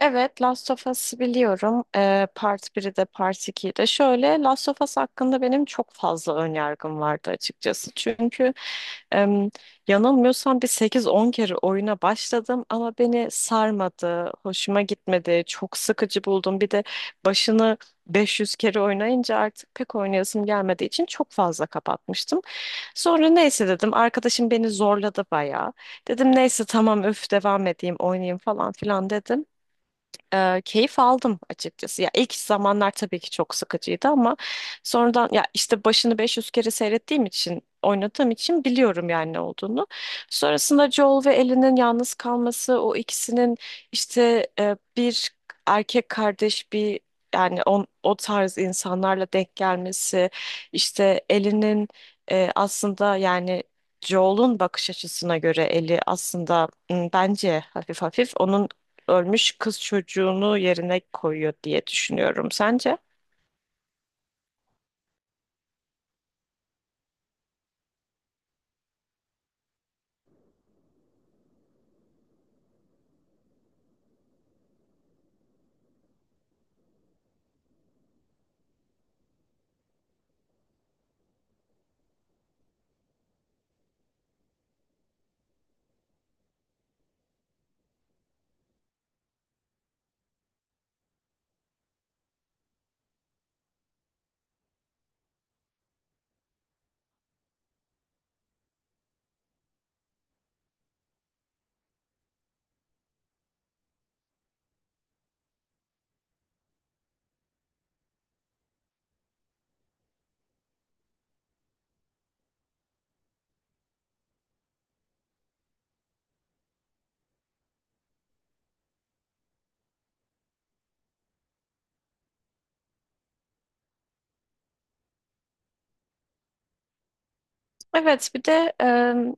Evet, Last of Us'ı biliyorum. Part biri de Part 2'yi de. Şöyle, Last of Us hakkında benim çok fazla önyargım vardı açıkçası. Çünkü em, yanılmıyorsam bir sekiz on kere oyuna başladım ama beni sarmadı, hoşuma gitmedi, çok sıkıcı buldum. Bir de başını 500 kere oynayınca artık pek oynayasım gelmediği için çok fazla kapatmıştım. Sonra neyse dedim, arkadaşım beni zorladı bayağı. Dedim neyse tamam öf devam edeyim, oynayayım falan filan dedim, keyif aldım açıkçası. Ya ilk zamanlar tabii ki çok sıkıcıydı ama sonradan ya işte başını 500 kere seyrettiğim için oynadığım için biliyorum yani ne olduğunu. Sonrasında Joel ve Ellie'nin yalnız kalması, o ikisinin işte bir erkek kardeş bir yani on, o tarz insanlarla denk gelmesi, işte Ellie'nin aslında yani Joel'un bakış açısına göre Ellie aslında bence hafif hafif onun ölmüş kız çocuğunu yerine koyuyor diye düşünüyorum. Sence? Evet, bir de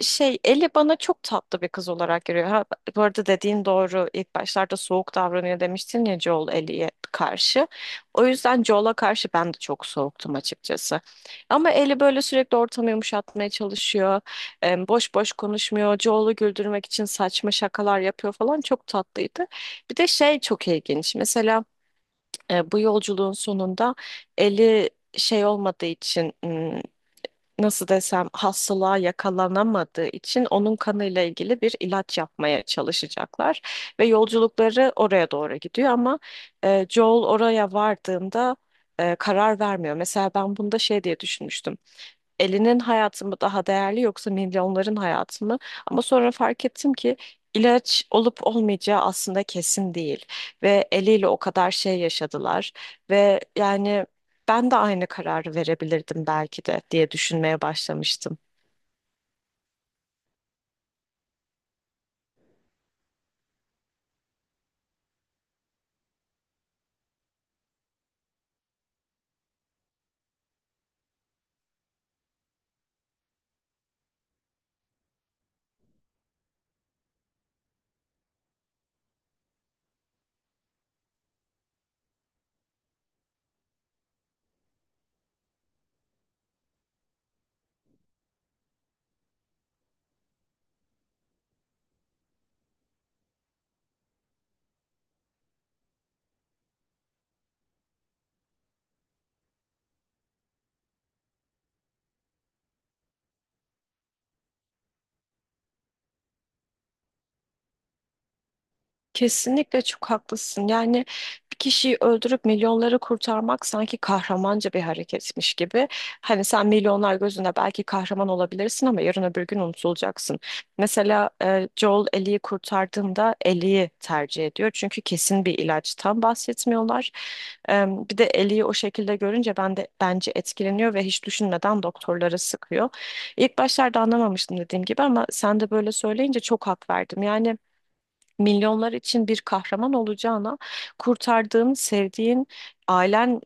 şey Ellie bana çok tatlı bir kız olarak görüyor. Ha, bu arada dediğin doğru. İlk başlarda soğuk davranıyor demiştin ya Joel Ellie'ye karşı. O yüzden Joel'a karşı ben de çok soğuktum açıkçası. Ama Ellie böyle sürekli ortamı yumuşatmaya çalışıyor. Boş boş konuşmuyor. Joel'u güldürmek için saçma şakalar yapıyor falan. Çok tatlıydı. Bir de şey çok ilginç. Mesela bu yolculuğun sonunda Ellie şey olmadığı için nasıl desem hastalığa yakalanamadığı için onun kanıyla ilgili bir ilaç yapmaya çalışacaklar ve yolculukları oraya doğru gidiyor ama Joel oraya vardığında karar vermiyor. Mesela ben bunda şey diye düşünmüştüm, elinin hayatı mı daha değerli yoksa milyonların hayatı mı? Ama sonra fark ettim ki ilaç olup olmayacağı aslında kesin değil ve eliyle o kadar şey yaşadılar ve yani ben de aynı kararı verebilirdim belki de diye düşünmeye başlamıştım. Kesinlikle çok haklısın. Yani bir kişiyi öldürüp milyonları kurtarmak sanki kahramanca bir hareketmiş gibi. Hani sen milyonlar gözünde belki kahraman olabilirsin ama yarın öbür gün unutulacaksın. Mesela Joel Ellie'yi kurtardığında Ellie'yi tercih ediyor. Çünkü kesin bir ilaçtan bahsetmiyorlar. E, Bir de Ellie'yi o şekilde görünce ben de bence etkileniyor ve hiç düşünmeden doktorlara sıkıyor. İlk başlarda anlamamıştım dediğim gibi ama sen de böyle söyleyince çok hak verdim. Yani milyonlar için bir kahraman olacağına, kurtardığın, sevdiğin, ailen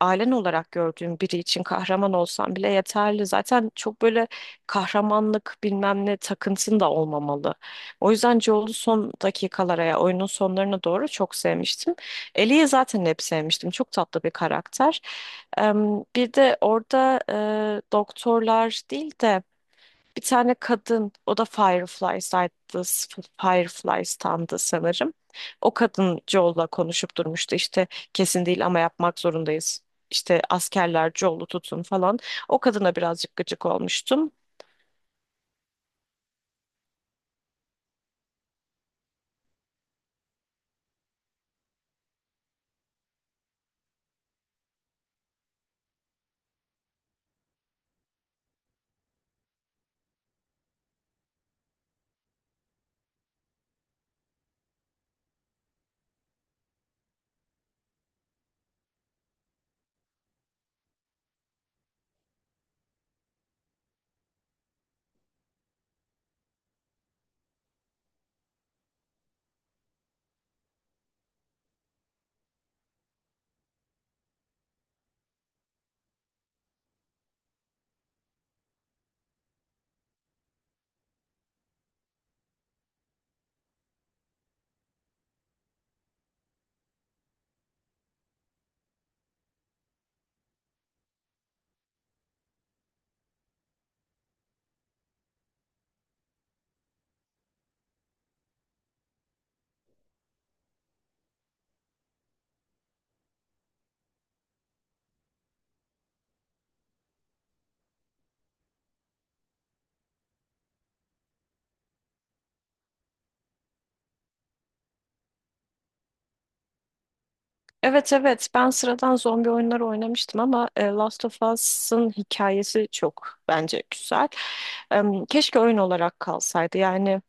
ailen olarak gördüğün biri için kahraman olsan bile yeterli. Zaten çok böyle kahramanlık bilmem ne takıntın da olmamalı. O yüzden Joel'u son dakikalara ya oyunun sonlarına doğru çok sevmiştim. Ellie'yi zaten hep sevmiştim. Çok tatlı bir karakter. Bir de orada doktorlar değil de bir tane kadın, o da Fireflies'taydı, Fireflies'tandı sanırım. O kadın Joel'la konuşup durmuştu işte kesin değil ama yapmak zorundayız. İşte askerler Joel'u tutun falan. O kadına birazcık gıcık olmuştum. Evet, evet, ben sıradan zombi oyunları oynamıştım ama Last of Us'ın hikayesi çok bence güzel. Keşke oyun olarak kalsaydı yani.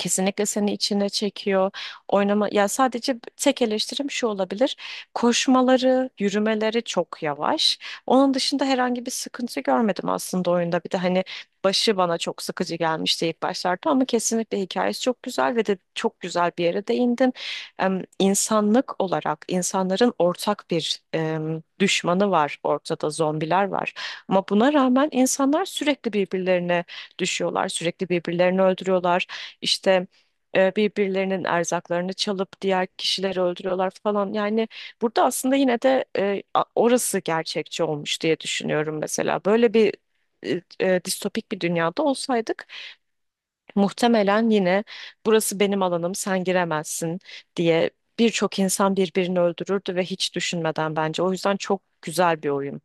Kesinlikle seni içine çekiyor. Oynama ya, sadece tek eleştirim şu olabilir. Koşmaları, yürümeleri çok yavaş. Onun dışında herhangi bir sıkıntı görmedim aslında oyunda. Bir de hani başı bana çok sıkıcı gelmişti ilk başlarda ama kesinlikle hikayesi çok güzel ve de çok güzel bir yere değindin. İnsanlık olarak insanların ortak bir düşmanı var, ortada zombiler var. Ama buna rağmen insanlar sürekli birbirlerine düşüyorlar, sürekli birbirlerini öldürüyorlar. İşte birbirlerinin erzaklarını çalıp diğer kişileri öldürüyorlar falan. Yani burada aslında yine de orası gerçekçi olmuş diye düşünüyorum mesela. Böyle bir distopik bir dünyada olsaydık muhtemelen yine burası benim alanım sen giremezsin diye birçok insan birbirini öldürürdü ve hiç düşünmeden bence. O yüzden çok güzel bir oyun.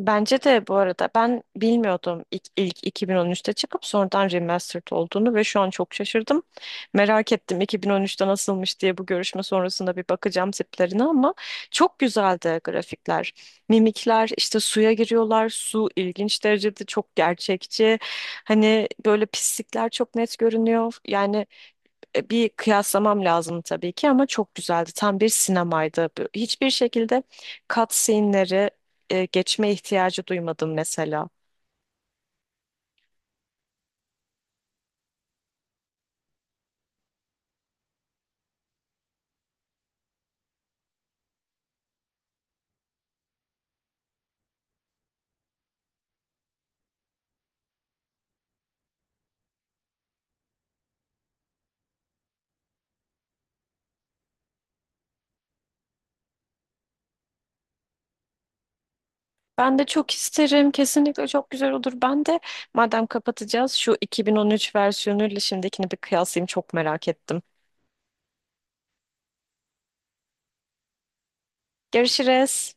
Bence de bu arada ben bilmiyordum ilk 2013'te çıkıp sonradan remastered olduğunu ve şu an çok şaşırdım. Merak ettim 2013'te nasılmış diye, bu görüşme sonrasında bir bakacağım tiplerine ama çok güzeldi grafikler. Mimikler, işte suya giriyorlar. Su ilginç derecede çok gerçekçi. Hani böyle pislikler çok net görünüyor. Yani bir kıyaslamam lazım tabii ki ama çok güzeldi. Tam bir sinemaydı. Hiçbir şekilde cutscene'leri geçme ihtiyacı duymadım mesela. Ben de çok isterim. Kesinlikle çok güzel olur. Ben de madem kapatacağız şu 2013 versiyonuyla şimdikini bir kıyaslayayım. Çok merak ettim. Görüşürüz.